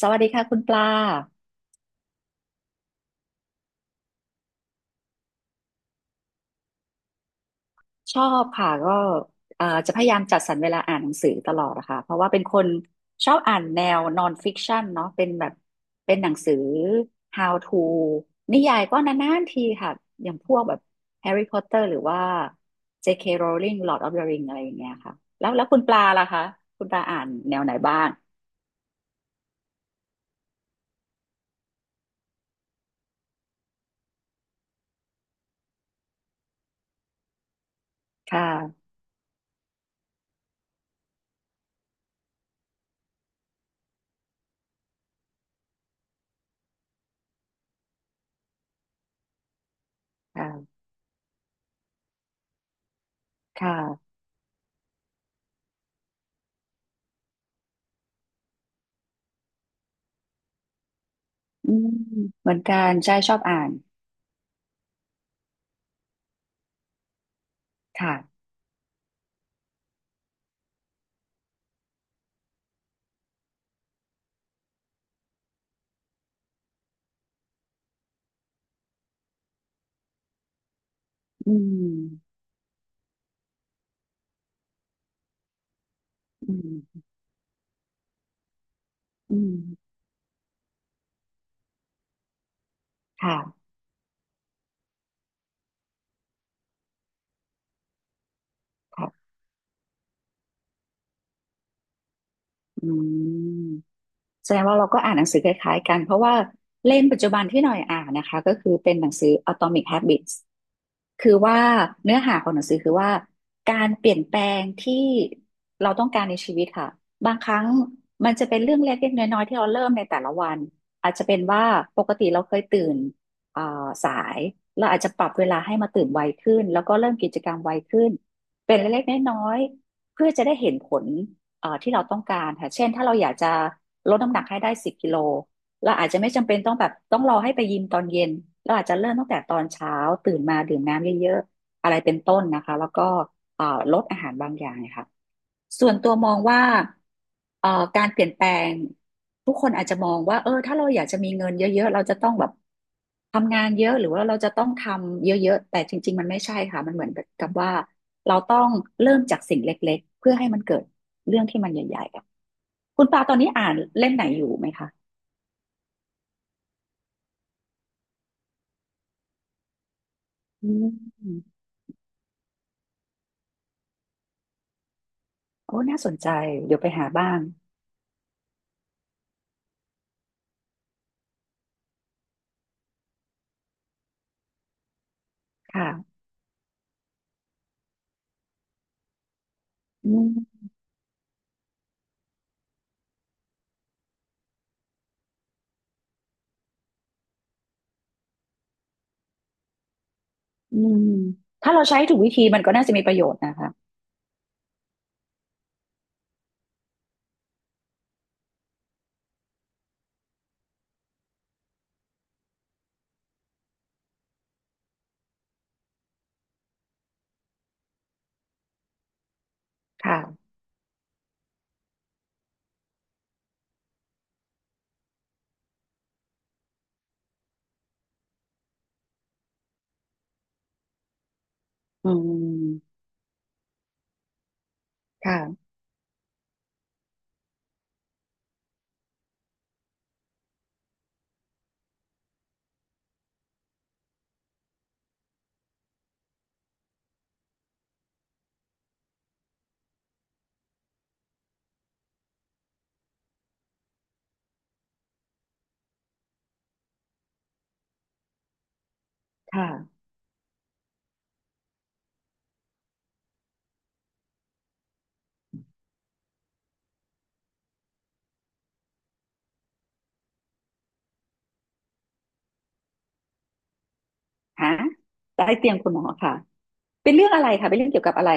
สวัสดีค่ะคุณปลาชอบค่ะก็จะพยายามจัดสรรเวลาอ่านหนังสือตลอดนะคะเพราะว่าเป็นคนชอบอ่านแนวนอนฟิกชั o นเนาะเป็นแบบเป็นหนังสือ How to นิยายก็นานๆทีค่ะอย่างพวกแบบ Harry Potter หรือว่า J.K. Rowling Lord of the Ring อะไรอย่างเงี้ยค่ะแล้วคุณปลาล่ะคะคุณปลาอ่านแนวไหนบ้างค่ะค่ะค่ะอืมเหมือนกันใช่ชอบอ่านค่ะอืมอืมอืมค่ะ ครับอืมแสดงว่าเราก็อ่านหนังสือคล้ายๆกันเพราะว่าเล่มปัจจุบันที่หน่อยอ่านนะคะก็คือเป็นหนังสือ Atomic Habits คือว่าเนื้อหาของหนังสือคือว่าการเปลี่ยนแปลงที่เราต้องการในชีวิตค่ะบางครั้งมันจะเป็นเรื่องเล็กๆน้อยๆที่เราเริ่มในแต่ละวันอาจจะเป็นว่าปกติเราเคยตื่นอ่าสายเราอาจจะปรับเวลาให้มาตื่นไวขึ้นแล้วก็เริ่มกิจกรรมไวขึ้นเป็นเล็กๆน้อยๆเพื่อจะได้เห็นผลที่เราต้องการค่ะเช่นถ้าเราอยากจะลดน้ำหนักให้ได้10 กิโล เราอาจจะไม่จำเป็นต้องแบบต้องรอให้ไปยิมตอนเย็นเราอาจจะเริ่มตั้งแต่ตอนเช้าตื่นมาดื่มน้ำเยอะๆอะไรเป็นต้นนะคะแล้วก็เอ่อลดอาหารบางอย่างนีค่ะส่วนตัวมองว่าเอ่อการเปลี่ยนแปลงทุกคนอาจจะมองว่าเออถ้าเราอยากจะมีเงินเยอะๆเราจะต้องแบบทำงานเยอะหรือว่าเราจะต้องทำเยอะๆแต่จริงๆมันไม่ใช่ค่ะมันเหมือนกับว่าเราต้องเริ่มจากสิ่งเล็ อืมโอ้น่าสนใจเดี๋ยวไปหาบ้างค่ะอืมอืมถ้าเราใช้ถูกวิธีมันก็น่าจะมีประโยชน์นะคะค่ะอืมค่ะค่ะหาใต้เตียงคุณหมอค่ะเป็นเรื่องอะไรค่ะเป็นเรื่องเกี่ยวกับอะไร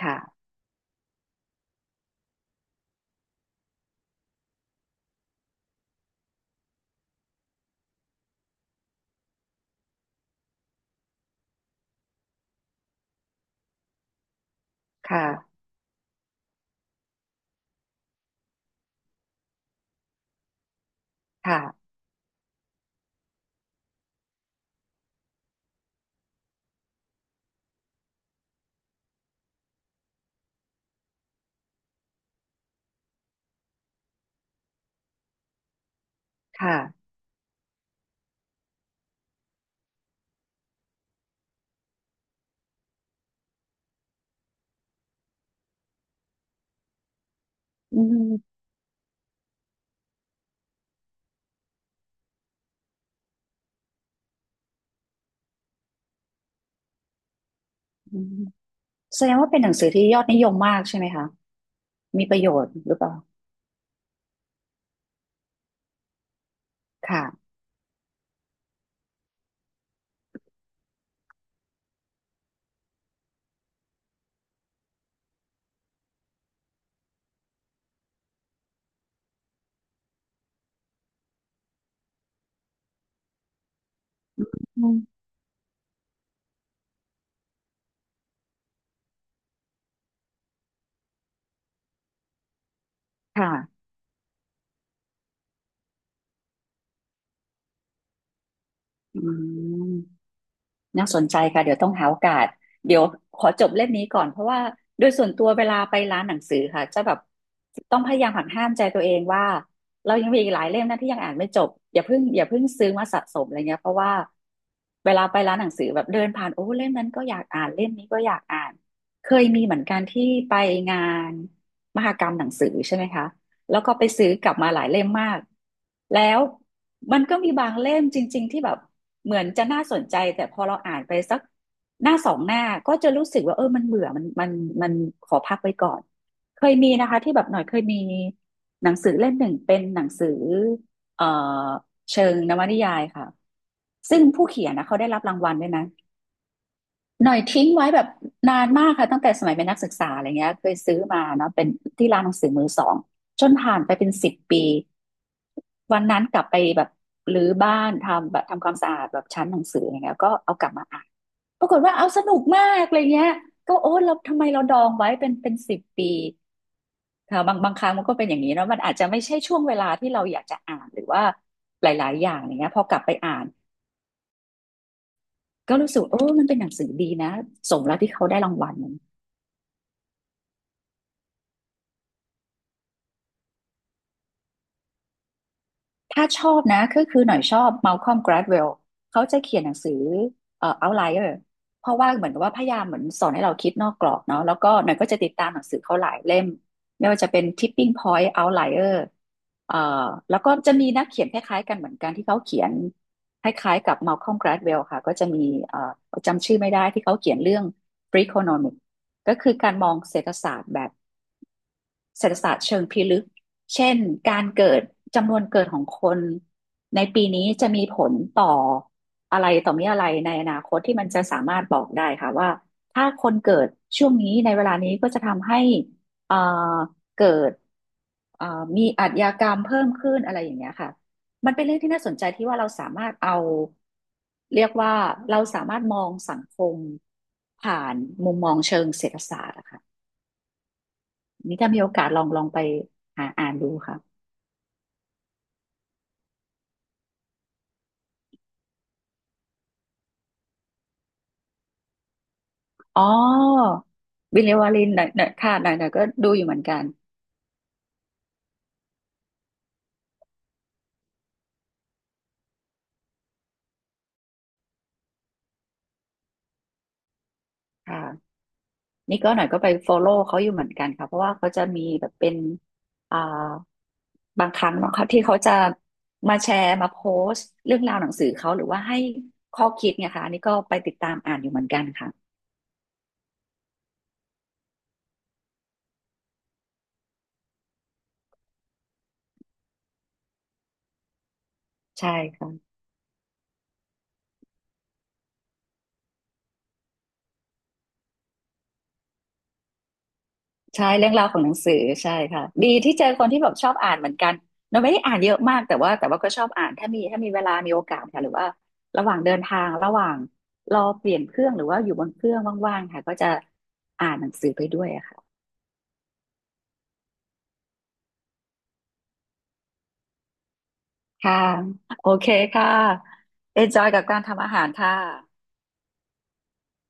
ค่ะค่ะค่ะค่ะอืมอืมแสดงว่าเป็นหนังสือที่ยอดนิยมมากใช่ไหมคะมีประโยชน์หรือเปล่าค่ะอืมค่ะอืม น่าสนใจค่ะเดี๋ยวต้องหาโอกาสเดี๋ยวขอจบเล่มนี้ก่อนเพราะว่าโดยส่วนตัวเวลาไปร้านหนังสือค่ะจะแบบต้องพยายามหักห้ามใจตัวเองว่าเรายังมีอีกหลายเล่มนะที่ยังอ่านไม่จบอย่าเพิ่งซื้อมาสะสมอะไรเงี้ยเพราะว่าเวลาไปร้านหนังสือแบบเดินผ่านโอ้เล่มนั้นก็อยากอ่านเล่มนี้ก็อยากอ่านเคยมีเหมือนกันที่ไปงานมหกรรมหนังสือใช่ไหมคะ แล้วก็ไปซื้อกลับมาหลายเล่มมาก แล้วมันก็มีบางเล่มจริงๆที่แบบเหมือนจะน่าสนใจแต่พอเราอ่านไปสักหน้าสองหน้าก็จะรู้สึกว่าเออมันเบื่อมันขอพักไว้ก่อนเคยมีนะคะที่แบบหน่อยเคยมีหนังสือเล่มหนึ่งเป็นหนังสือเอ่อเชิงนวนิยายค่ะซึ่งผู้เขียนนะเขาได้รับรางวัลด้วยนะ หน่อยทิ้งไว้แบบนานมากค่ะตั้งแต่สมัยเป็นนักศึกษาอะไรเงี้ยเคยซื้อมาเนาะเป็นที่ร้านหนังสือมือสองจนผ่านไปเป็นสิบปีวันนั้นกลับไปแบบรื้อบ้านทำแบบทำความสะอาดแบบชั้นหนังสืออะไรเงี้ยก็เอากลับมาอ่านปรากฏว่าเอาสนุกมากอะไรเงี้ยก็โอ้เราทำไมเราดองไว้เป็นสิบปีค่ะบางครั้งมันก็เป็นอย่างนี้เนาะมันอาจจะไม่ใช่ช่วงเวลาที่เราอยากจะอ่านหรือว่าหลายๆอย่างอย่างเงี้ยพอกลับไปอ่านก็รู้สึกเออมันเป็นหนังสือดีนะสมแล้วที่เขาได้รางวัล ถ้าชอบนะก็คือหน่อยชอบมัลคอมก g า d w e ลเขาจะเขียนหนังสือOutlier เพราะว่าเหมือนกับว่าพยายามเหมือนสอนให้เราคิดนอกกรอบเนาะแล้วก็หน่อยก็จะติดตามหนังสือเขาหลายเล่มไม่ว่าจะเป็น Tipping Point Outlier เอ่อแล้วก็จะมีนักเขียนคล้ายๆกันเหมือนกันที่เขาเขียนคล้ายๆกับมัลคอมก g า d w e ลค่ะก็จะมีเอ่จำชื่อไม่ได้ที่เขาเขียนเรื่อง Freakonomics ก็คือการมองเศรษฐศาสตร์แบบ เศรษฐศาสตร์เชิงพิลึกเช่นการเกิดจำนวนเกิดของคนในปีนี้จะมีผลต่ออะไรต่อมีอะไรในอนาคตที่มันจะสามารถบอกได้ค่ะว่าถ้าคนเกิดช่วงนี้ในเวลานี้ก็จะทำให้เอ่อเกิดเอ่อมีอาชญากรรมเพิ่มขึ้นอะไรอย่างเงี้ยค่ะมันเป็นเรื่องที่น่าสนใจที่ว่าเราสามารถเอาเรียกว่าเราสามารถมองสังคมผ่านมุมมองเชิงเศรษฐศาสตร์นะคะ นี่ถ้ามีโอกาสลองไปหาอ่านดูค่ะอ๋อบิลเลวารินหน่อยหน่อยค่ะหน่อยหน่อยก็ดูอยู่เหมือนกันค่ะนี่ก็หน่อยก็ไป follow เขาอยู่เหมือนกันค่ะ เพราะว่าเขาจะมีแบบเป็นอ่าบางครั้งเนาะค่ะที่เขาจะมาแชร์มาโพสต์เรื่องราวหนังสือเขาหรือว่าให้ข้อคิดเนี่ยค่ะอันนี่ก็ไปติดตามอ่านอยู่เหมือนกันค่ะใช่ค่ะ ใช่เรื่องราวของหนังสือใช่ค่ะดีที่เจอคนที่แบบชอบอ่านเหมือนกันเราไม่ได้อ่านเยอะมากแต่ว่าก็ชอบอ่านถ้ามีเวลามีโอกาสค่ะหรือว่าระหว่างเดินทางระหว่างรอเปลี่ยนเครื่องหรือว่าอยู่บนเครื่องว่างๆค่ะก็จะอ่านหนังสือไปด้วยอะค่ะค่ะโอเคค่ะ e นจอยกับการทำอาหารค่ะ